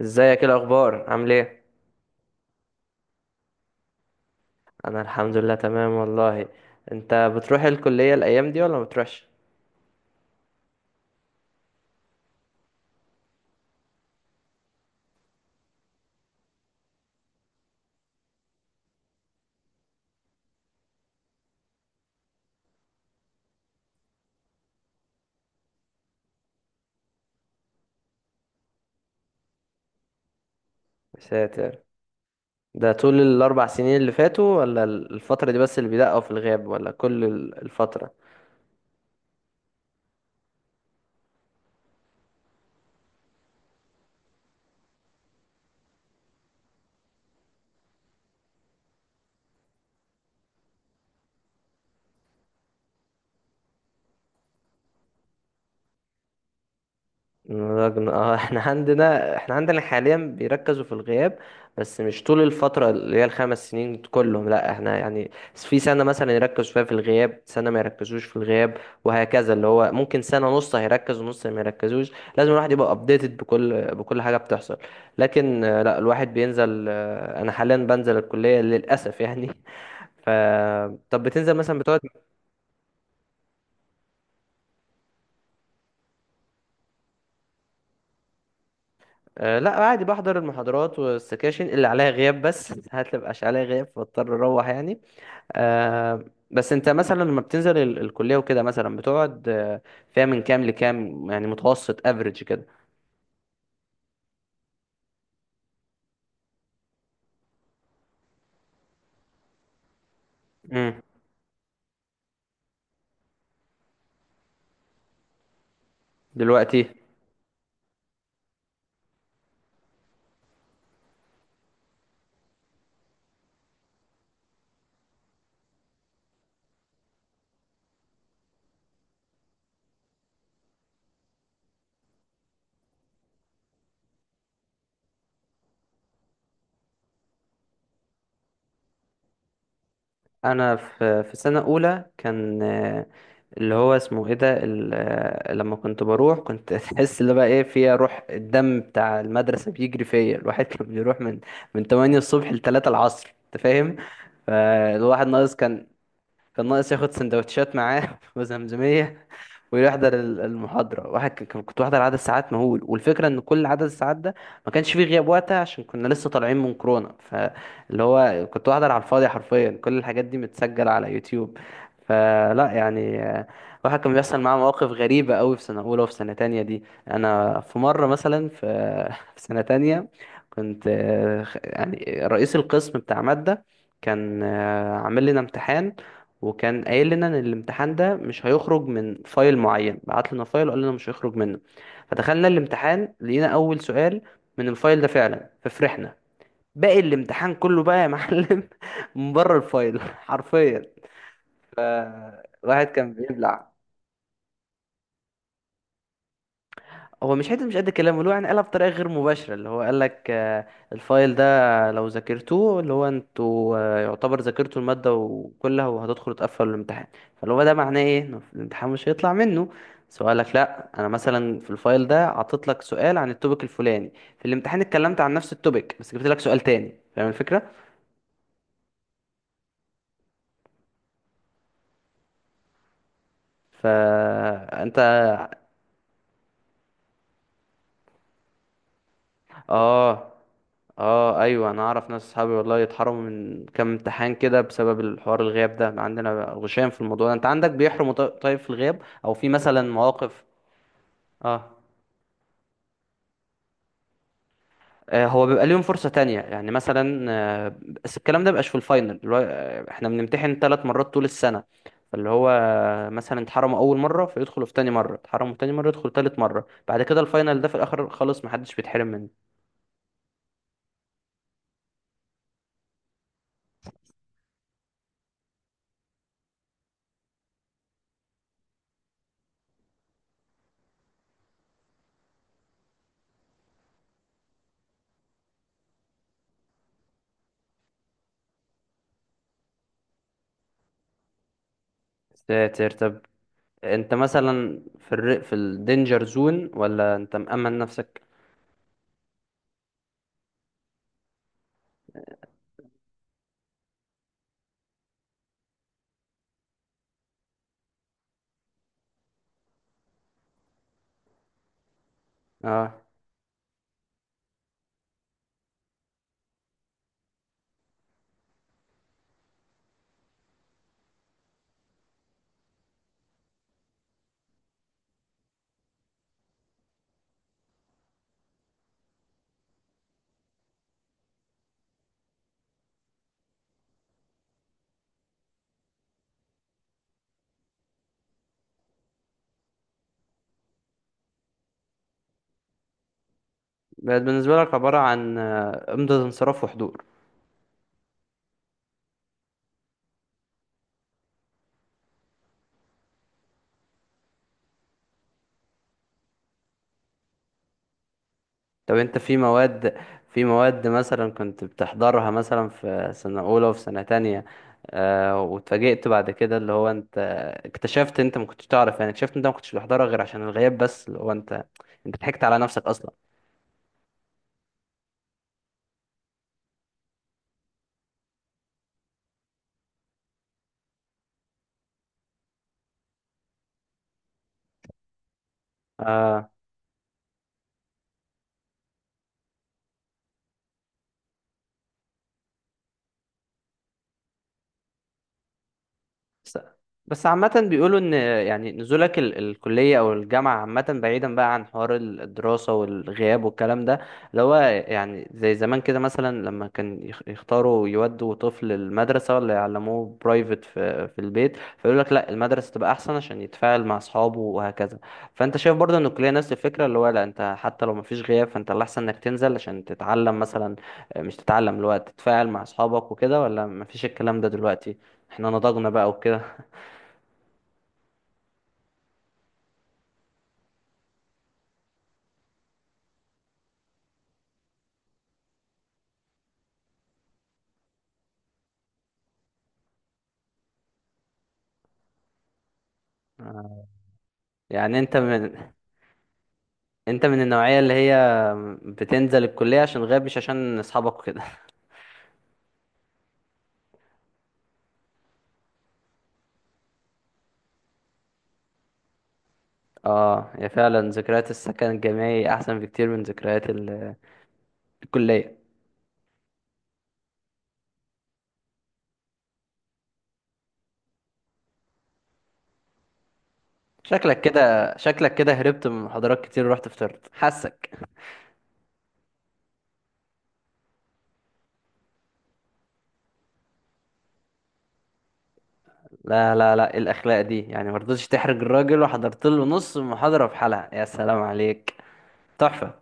ازيك؟ ايه الاخبار؟ عامل ايه؟ انا الحمد لله تمام والله. انت بتروح الكليه الايام دي ولا ما بتروحش؟ يا ساتر، ده طول الاربع سنين اللي فاتوا ولا الفتره دي بس اللي بيدقوا في الغياب ولا كل الفتره؟ رجل اه احنا عندنا، احنا عندنا حاليا بيركزوا في الغياب، بس مش طول الفترة اللي هي الخمس سنين كلهم. لا احنا يعني في سنة مثلا يركزوا فيها في الغياب، سنة ما يركزوش في الغياب وهكذا، اللي هو ممكن سنة نص هيركز ونص ما يركزوش. لازم الواحد يبقى ابديتد بكل حاجة بتحصل. لكن لا الواحد بينزل، انا حاليا بنزل الكلية للأسف يعني ف طب بتنزل مثلا بتقعد؟ أه لا عادي بحضر المحاضرات والسكاشن اللي عليها غياب بس ساعات اللي مبقاش عليها غياب فاضطر اروح يعني. أه. بس انت مثلا لما بتنزل الكلية وكده مثلا بتقعد فيها من كام لكام يعني، متوسط افريج كده؟ امم. دلوقتي انا في سنه اولى كان اللي هو اسمه ايه ده لما كنت بروح كنت تحس اللي بقى ايه فيها روح الدم بتاع المدرسه بيجري فيا. الواحد كان بيروح من 8 الصبح ل 3 العصر، انت فاهم؟ فالواحد ناقص كان، كان ناقص ياخد سندوتشات معاه وزمزمية ويحضر المحاضرة. واحد كنت بحضر عدد ساعات مهول، والفكرة ان كل عدد الساعات ده ما كانش فيه غياب وقتها عشان كنا لسه طالعين من كورونا. فاللي هو كنت بحضر على الفاضي حرفيا، كل الحاجات دي متسجلة على يوتيوب. فلا يعني واحد كان بيحصل معاه مواقف غريبة قوي في سنة أولى وفي سنة تانية. دي أنا في مرة مثلا في في سنة تانية كنت يعني رئيس القسم بتاع مادة كان عامل لنا امتحان، وكان قايل لنا ان الامتحان ده مش هيخرج من فايل معين، بعت لنا فايل وقال لنا مش هيخرج منه. فدخلنا الامتحان لقينا اول سؤال من الفايل ده فعلا، ففرحنا. باقي الامتحان كله بقى يا معلم من بره الفايل حرفيا. ف- واحد كان بيبلع. هو مش حته مش قد الكلام، اللي هو يعني قالها بطريقه غير مباشره، اللي هو قال لك الفايل ده لو ذاكرتوه اللي هو انتوا، يعتبر ذاكرتوا الماده وكلها وهتدخلوا تقفلوا الامتحان. فاللي هو ده معناه ايه؟ انه الامتحان مش هيطلع منه سؤالك. لا انا مثلا في الفايل ده عطيت لك سؤال عن التوبيك الفلاني، في الامتحان اتكلمت عن نفس التوبيك بس جبت لك سؤال تاني، فاهم الفكره؟ فانت اه. اه ايوه، انا اعرف ناس اصحابي والله يتحرموا من كام امتحان كده بسبب الحوار الغياب ده، عندنا غشام في الموضوع ده. انت عندك بيحرموا؟ طيب في الغياب او في مثلا مواقف اه؟ هو بيبقى ليهم فرصة تانية يعني مثلا بس الكلام ده مبقاش في الفاينل، اللي هو احنا بنمتحن ثلاث مرات طول السنة. فاللي هو مثلا اتحرموا أول مرة فيدخلوا في تاني مرة، اتحرموا تاني مرة يدخلوا تالت مرة، بعد كده الفاينل ده في الآخر خالص محدش بيتحرم منه. ساتر. طب انت مثلا في في الدينجر زون ولا انت مأمن نفسك؟ اه. بقت بالنسبة لك عبارة عن إمضة انصراف وحضور؟ طب انت في مواد، في مواد مثلا كنت بتحضرها مثلا في سنة أولى وفي سنة تانية، آه واتفاجئت بعد كده اللي هو انت اكتشفت، انت ما كنتش تعرف يعني اكتشفت انت ما كنتش بتحضرها غير عشان الغياب بس، اللي هو انت، انت ضحكت على نفسك اصلا؟ آه. بس بس عامة بيقولوا إن يعني نزولك الكلية أو الجامعة، عامة بعيدا بقى عن حوار الدراسة والغياب والكلام ده، اللي هو يعني زي زمان كده مثلا لما كان يختاروا يودوا طفل المدرسة ولا يعلموه برايفت في البيت، فيقول لك لا المدرسة تبقى أحسن عشان يتفاعل مع أصحابه وهكذا. فأنت شايف برضه إن الكلية نفس الفكرة، اللي هو لا أنت حتى لو مفيش غياب فأنت الأحسن إنك تنزل عشان تتعلم مثلا، مش تتعلم اللي هو تتفاعل مع أصحابك وكده، ولا مفيش الكلام ده دلوقتي؟ احنا نضجنا بقى وكده. آه. يعني انت من، انت من النوعية اللي هي بتنزل الكلية عشان غاب مش عشان اصحابك وكده؟ اه يا، فعلا ذكريات السكن الجامعي احسن بكتير من ذكريات الكلية. شكلك كده، شكلك كده هربت من محاضرات كتير ورحت فطرت، حاسك. لا لا لا، إيه الاخلاق دي يعني؟ مرضتش تحرج الراجل وحضرت له نص المحاضرة في حالها، يا سلام عليك، تحفة.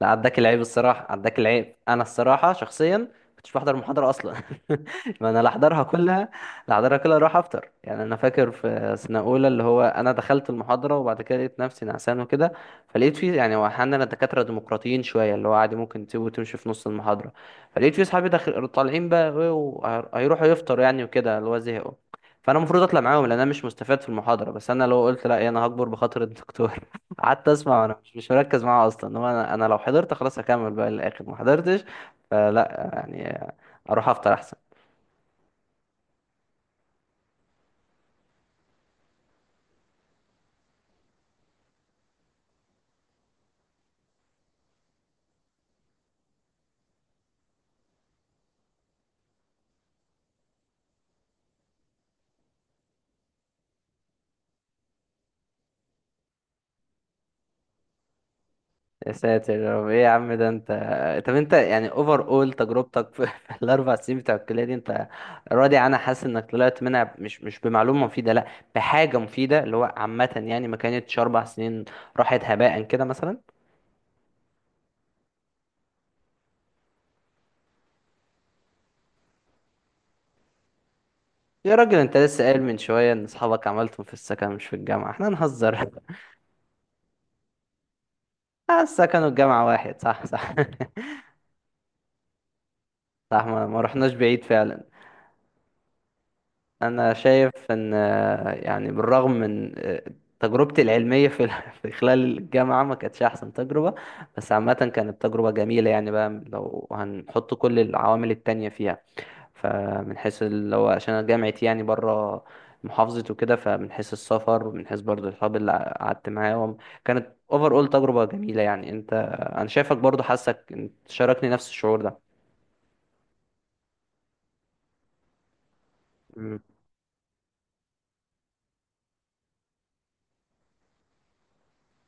لا عداك العيب الصراحة، عداك العيب. أنا الصراحة شخصيا كنتش بحضر محاضرة أصلا ما أنا لا أحضرها كلها، لا أحضرها كلها أروح أفطر. يعني أنا فاكر في سنة أولى اللي هو أنا دخلت المحاضرة وبعد كده لقيت نفسي نعسان وكده، فلقيت فيه يعني، هو أحيانا الدكاترة ديمقراطيين شوية، اللي هو عادي ممكن تسيبه وتمشي في نص المحاضرة. فلقيت فيه صحابي داخل طالعين بقى وهيروحوا يفطروا يعني وكده، اللي هو زهقوا. فأنا المفروض أطلع معاهم لأن أنا مش مستفاد في المحاضرة، بس أنا لو قلت لا أنا هكبر بخاطر الدكتور قعدت اسمع وانا مش مركز معاه اصلا. انما انا، لو حضرت خلاص اكمل بقى للاخر، ما حضرتش فلا يعني، اروح افطر احسن. يا ساتر يا رب، ايه يا عم ده انت. طب انت يعني اوفر اول تجربتك في في الاربع سنين بتوع الكليه دي، انت راضي عنها؟ حاسس انك طلعت منها مش مش بمعلومه مفيده، لا بحاجه مفيده اللي هو عامه، يعني ما كانتش اربع سنين راحت هباء كده مثلا؟ يا راجل انت لسه قايل من شويه ان اصحابك عملتهم في السكن مش في الجامعه، احنا نهزر السكن والجامعه واحد، صح صح صح، ما رحناش بعيد فعلا. انا شايف ان يعني بالرغم من تجربتي العلميه في في خلال الجامعه ما كانتش احسن تجربه، بس عامه كانت تجربه جميله يعني بقى لو هنحط كل العوامل التانية فيها. فمن حيث اللي هو عشان انا جامعتي يعني بره محافظتي وكده، فمن حيث السفر ومن حيث برضه الصحاب اللي قعدت معاهم، كانت اوفر اول تجربه جميله يعني. انت انا شايفك برضه حاسك انت شاركني نفس الشعور ده؟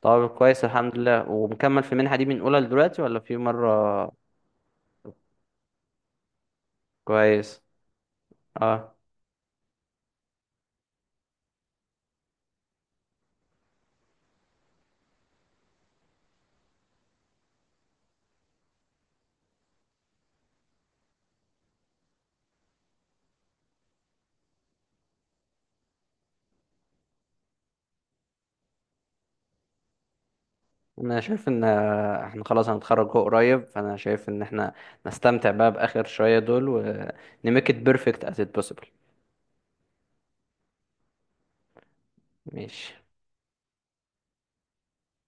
طب كويس الحمد لله، ومكمل في المنحة دي من أولى لدلوقتي ولا في مرة؟ كويس. اه. أنا شايف إن إحنا خلاص هنتخرج هو قريب، فأنا شايف إن إحنا نستمتع بقى بآخر شوية دول ونميك إت بيرفكت as it possible. ماشي.